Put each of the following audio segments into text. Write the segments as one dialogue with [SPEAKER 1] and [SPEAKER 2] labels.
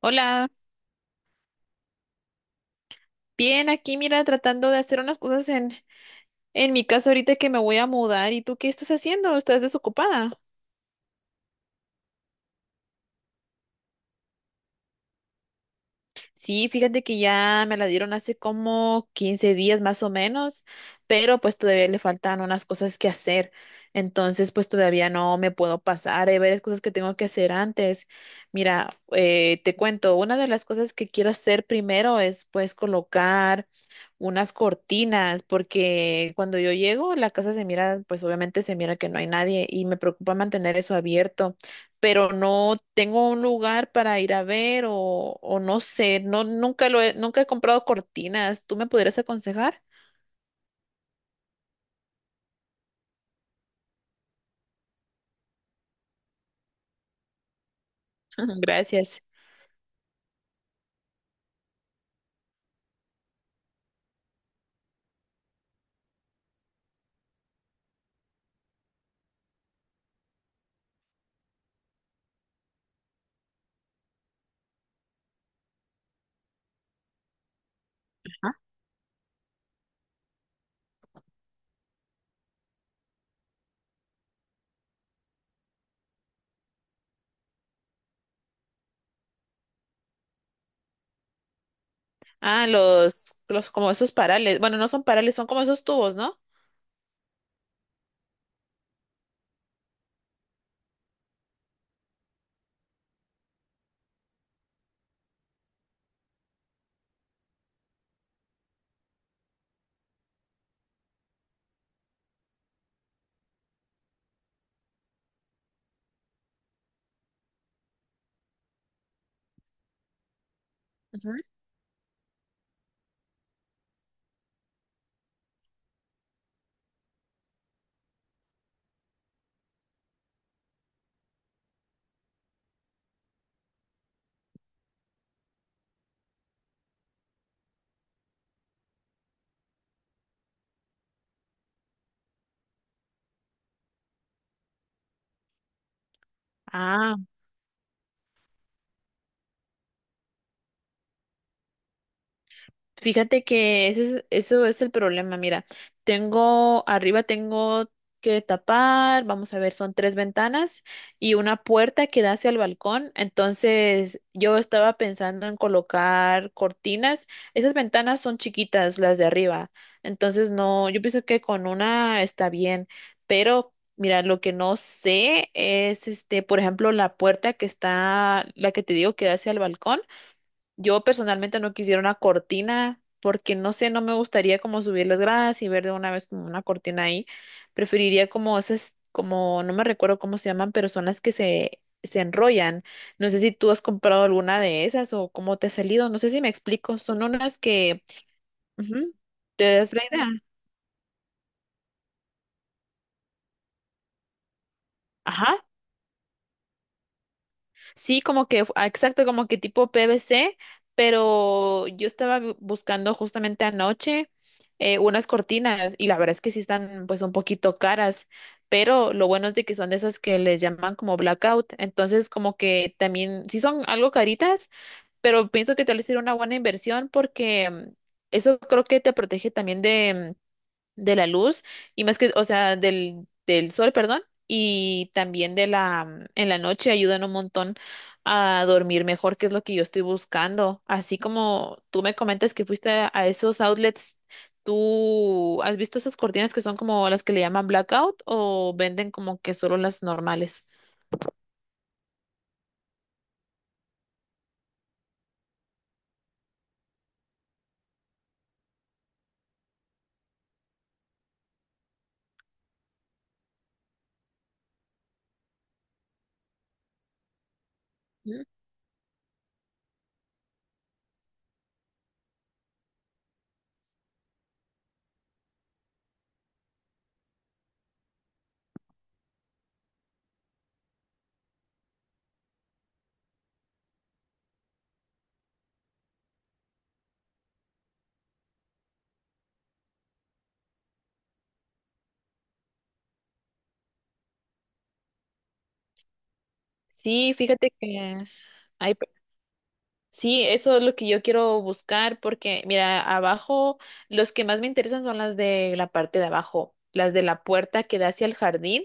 [SPEAKER 1] Hola, bien, aquí mira, tratando de hacer unas cosas en mi casa ahorita que me voy a mudar. ¿Y tú qué estás haciendo? ¿Estás desocupada? Sí, fíjate que ya me la dieron hace como 15 días más o menos, pero pues todavía le faltan unas cosas que hacer. Entonces, pues todavía no me puedo pasar. Hay varias cosas que tengo que hacer antes. Mira, te cuento, una de las cosas que quiero hacer primero es pues colocar unas cortinas, porque cuando yo llego, la casa se mira, pues obviamente se mira que no hay nadie y me preocupa mantener eso abierto, pero no tengo un lugar para ir a ver o no sé, no, nunca he comprado cortinas. ¿Tú me podrías aconsejar? Gracias. Ajá. Ah, los como esos parales. Bueno, no son parales, son como esos tubos, ¿no? Ujú. Ah, fíjate que ese es, eso es el problema. Mira, tengo arriba tengo que tapar, vamos a ver, son 3 ventanas y una puerta que da hacia el balcón. Entonces, yo estaba pensando en colocar cortinas. Esas ventanas son chiquitas, las de arriba. Entonces, no, yo pienso que con una está bien, pero mira, lo que no sé es, este, por ejemplo, la puerta que está, la que te digo que da hacia el balcón. Yo personalmente no quisiera una cortina porque no sé, no me gustaría como subir las gradas y ver de una vez como una cortina ahí. Preferiría como esas, como no me recuerdo cómo se llaman, pero son las que se enrollan. No sé si tú has comprado alguna de esas o cómo te ha salido. No sé si me explico. Son unas que... ujú, ¿te das la idea? Ajá. Sí, como que, ah, exacto, como que tipo PVC, pero yo estaba buscando justamente anoche unas cortinas y la verdad es que sí están pues un poquito caras, pero lo bueno es de que son de esas que les llaman como blackout, entonces como que también sí son algo caritas, pero pienso que tal vez sería una buena inversión porque eso creo que te protege también de la luz y más que, o sea, del sol, perdón, y también de la, en la noche ayudan un montón a dormir mejor, que es lo que yo estoy buscando. Así como tú me comentas que fuiste a esos outlets, ¿tú has visto esas cortinas que son como las que le llaman blackout o venden como que solo las normales? Ujú. Sí, fíjate que hay sí, eso es lo que yo quiero buscar porque, mira, abajo, los que más me interesan son las de la parte de abajo, las de la puerta que da hacia el jardín,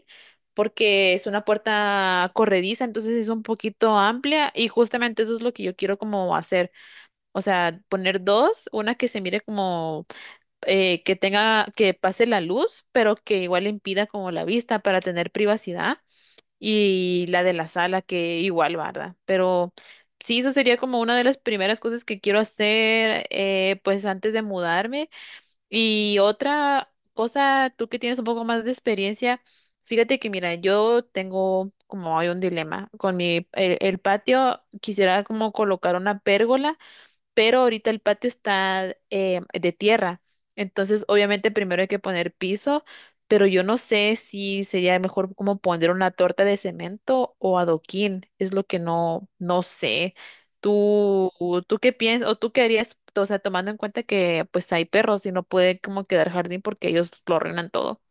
[SPEAKER 1] porque es una puerta corrediza, entonces es un poquito amplia y justamente eso es lo que yo quiero como hacer, o sea, poner dos, una que se mire como que tenga, que pase la luz, pero que igual impida como la vista para tener privacidad y la de la sala, que igual, ¿verdad? Pero sí, eso sería como una de las primeras cosas que quiero hacer, pues antes de mudarme. Y otra cosa, tú que tienes un poco más de experiencia, fíjate que, mira, yo tengo como hay un dilema con mi, el patio, quisiera como colocar una pérgola pero ahorita el patio está de tierra. Entonces, obviamente, primero hay que poner piso, pero yo no sé si sería mejor como poner una torta de cemento o adoquín, es lo que no, no sé. ¿Tú, tú qué piensas o tú qué harías? O sea, tomando en cuenta que pues hay perros y no puede como quedar jardín porque ellos lo arruinan todo.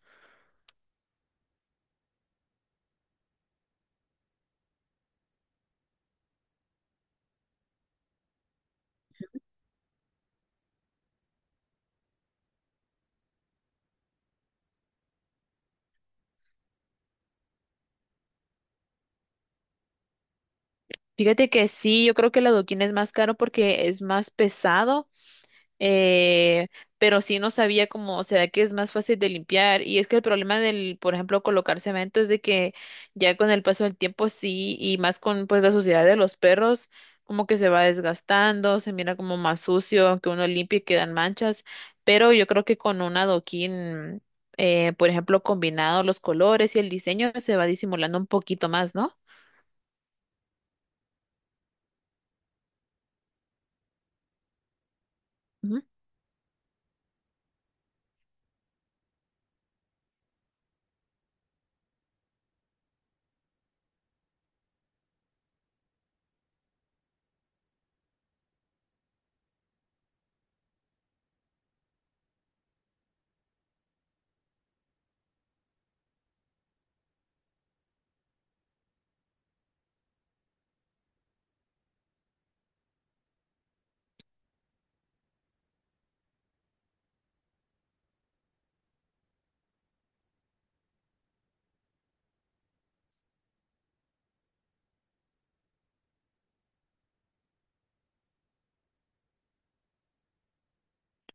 [SPEAKER 1] Fíjate que sí, yo creo que el adoquín es más caro porque es más pesado, eh, pero sí no sabía cómo, será que es más fácil de limpiar. Y es que el problema del, por ejemplo, colocar cemento es de que ya con el paso del tiempo sí, y más con pues la suciedad de los perros, como que se va desgastando, se mira como más sucio, aunque uno limpie y quedan manchas. Pero yo creo que con un adoquín, por ejemplo, combinado los colores y el diseño, se va disimulando un poquito más, ¿no?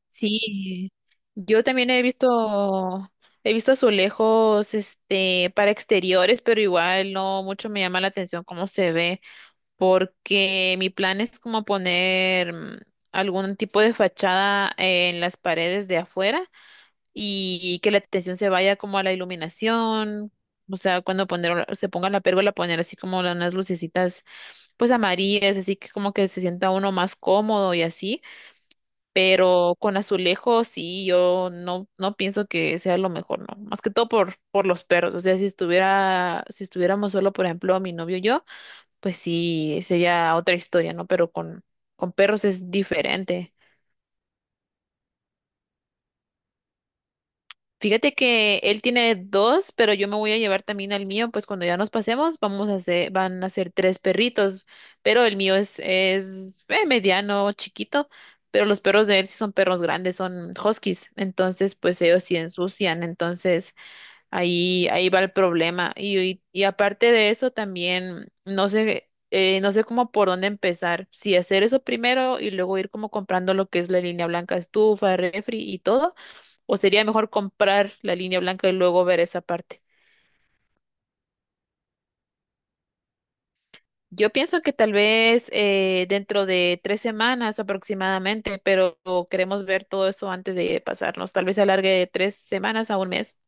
[SPEAKER 1] Sí, yo también he visto azulejos, este, para exteriores, pero igual no mucho me llama la atención cómo se ve, porque mi plan es como poner algún tipo de fachada en las paredes de afuera y que la atención se vaya como a la iluminación, o sea, cuando poner, se ponga la pérgola, poner así como unas lucecitas, pues amarillas, así que como que se sienta uno más cómodo y así, pero con azulejos sí, yo no, no pienso que sea lo mejor, no, más que todo por los perros, o sea, si estuviera, si estuviéramos solo, por ejemplo, mi novio y yo, pues sí, sería otra historia, ¿no? Pero con perros es diferente. Fíjate que él tiene dos, pero yo me voy a llevar también al mío, pues cuando ya nos pasemos vamos a hacer, van a ser 3 perritos, pero el mío es mediano, chiquito, pero los perros de él sí son perros grandes, son huskies, entonces pues ellos sí ensucian, entonces ahí, ahí va el problema. Y aparte de eso también no sé, no sé cómo por dónde empezar, si hacer eso primero y luego ir como comprando lo que es la línea blanca, estufa, refri y todo. ¿O sería mejor comprar la línea blanca y luego ver esa parte? Yo pienso que tal vez dentro de 3 semanas aproximadamente, pero queremos ver todo eso antes de pasarnos. Tal vez se alargue de 3 semanas a un mes.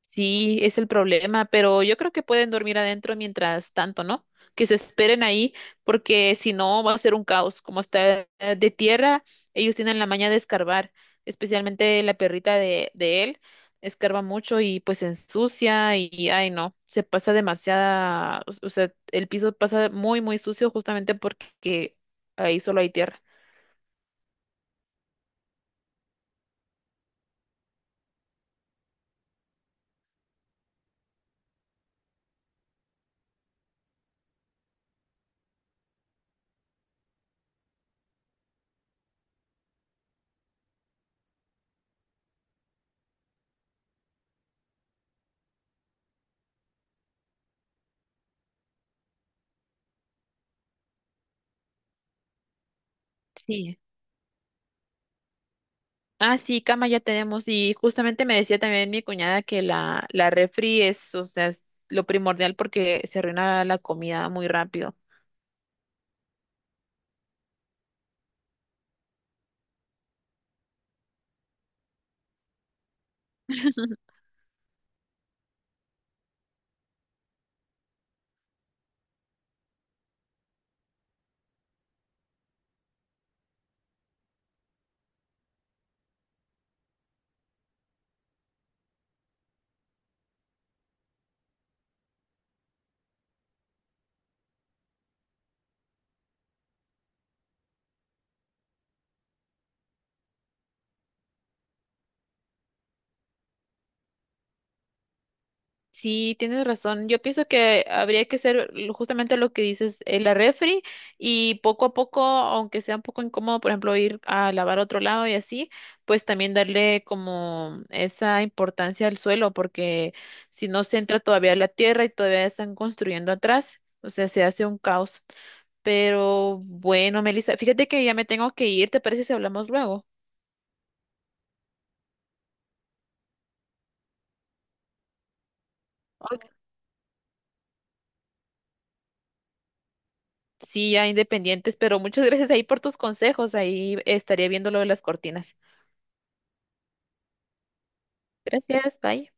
[SPEAKER 1] Sí, es el problema, pero yo creo que pueden dormir adentro mientras tanto, ¿no? Que se esperen ahí, porque si no va a ser un caos. Como está de tierra, ellos tienen la maña de escarbar, especialmente la perrita de él, escarba mucho y pues se ensucia y, ay no, se pasa demasiada, o sea, el piso pasa muy, muy sucio justamente porque ahí solo hay tierra. Sí. Ah, sí, cama ya tenemos. Y justamente me decía también mi cuñada que la refri es, o sea, es lo primordial porque se arruina la comida muy rápido. Sí, tienes razón. Yo pienso que habría que hacer justamente lo que dices, la refri y poco a poco, aunque sea un poco incómodo, por ejemplo, ir a lavar a otro lado y así, pues también darle como esa importancia al suelo, porque si no se entra todavía la tierra y todavía están construyendo atrás, o sea, se hace un caos. Pero bueno, Melissa, fíjate que ya me tengo que ir, ¿te parece si hablamos luego? Ok. Sí, ya independientes, pero muchas gracias ahí por tus consejos, ahí estaría viendo lo de las cortinas. Gracias, bye.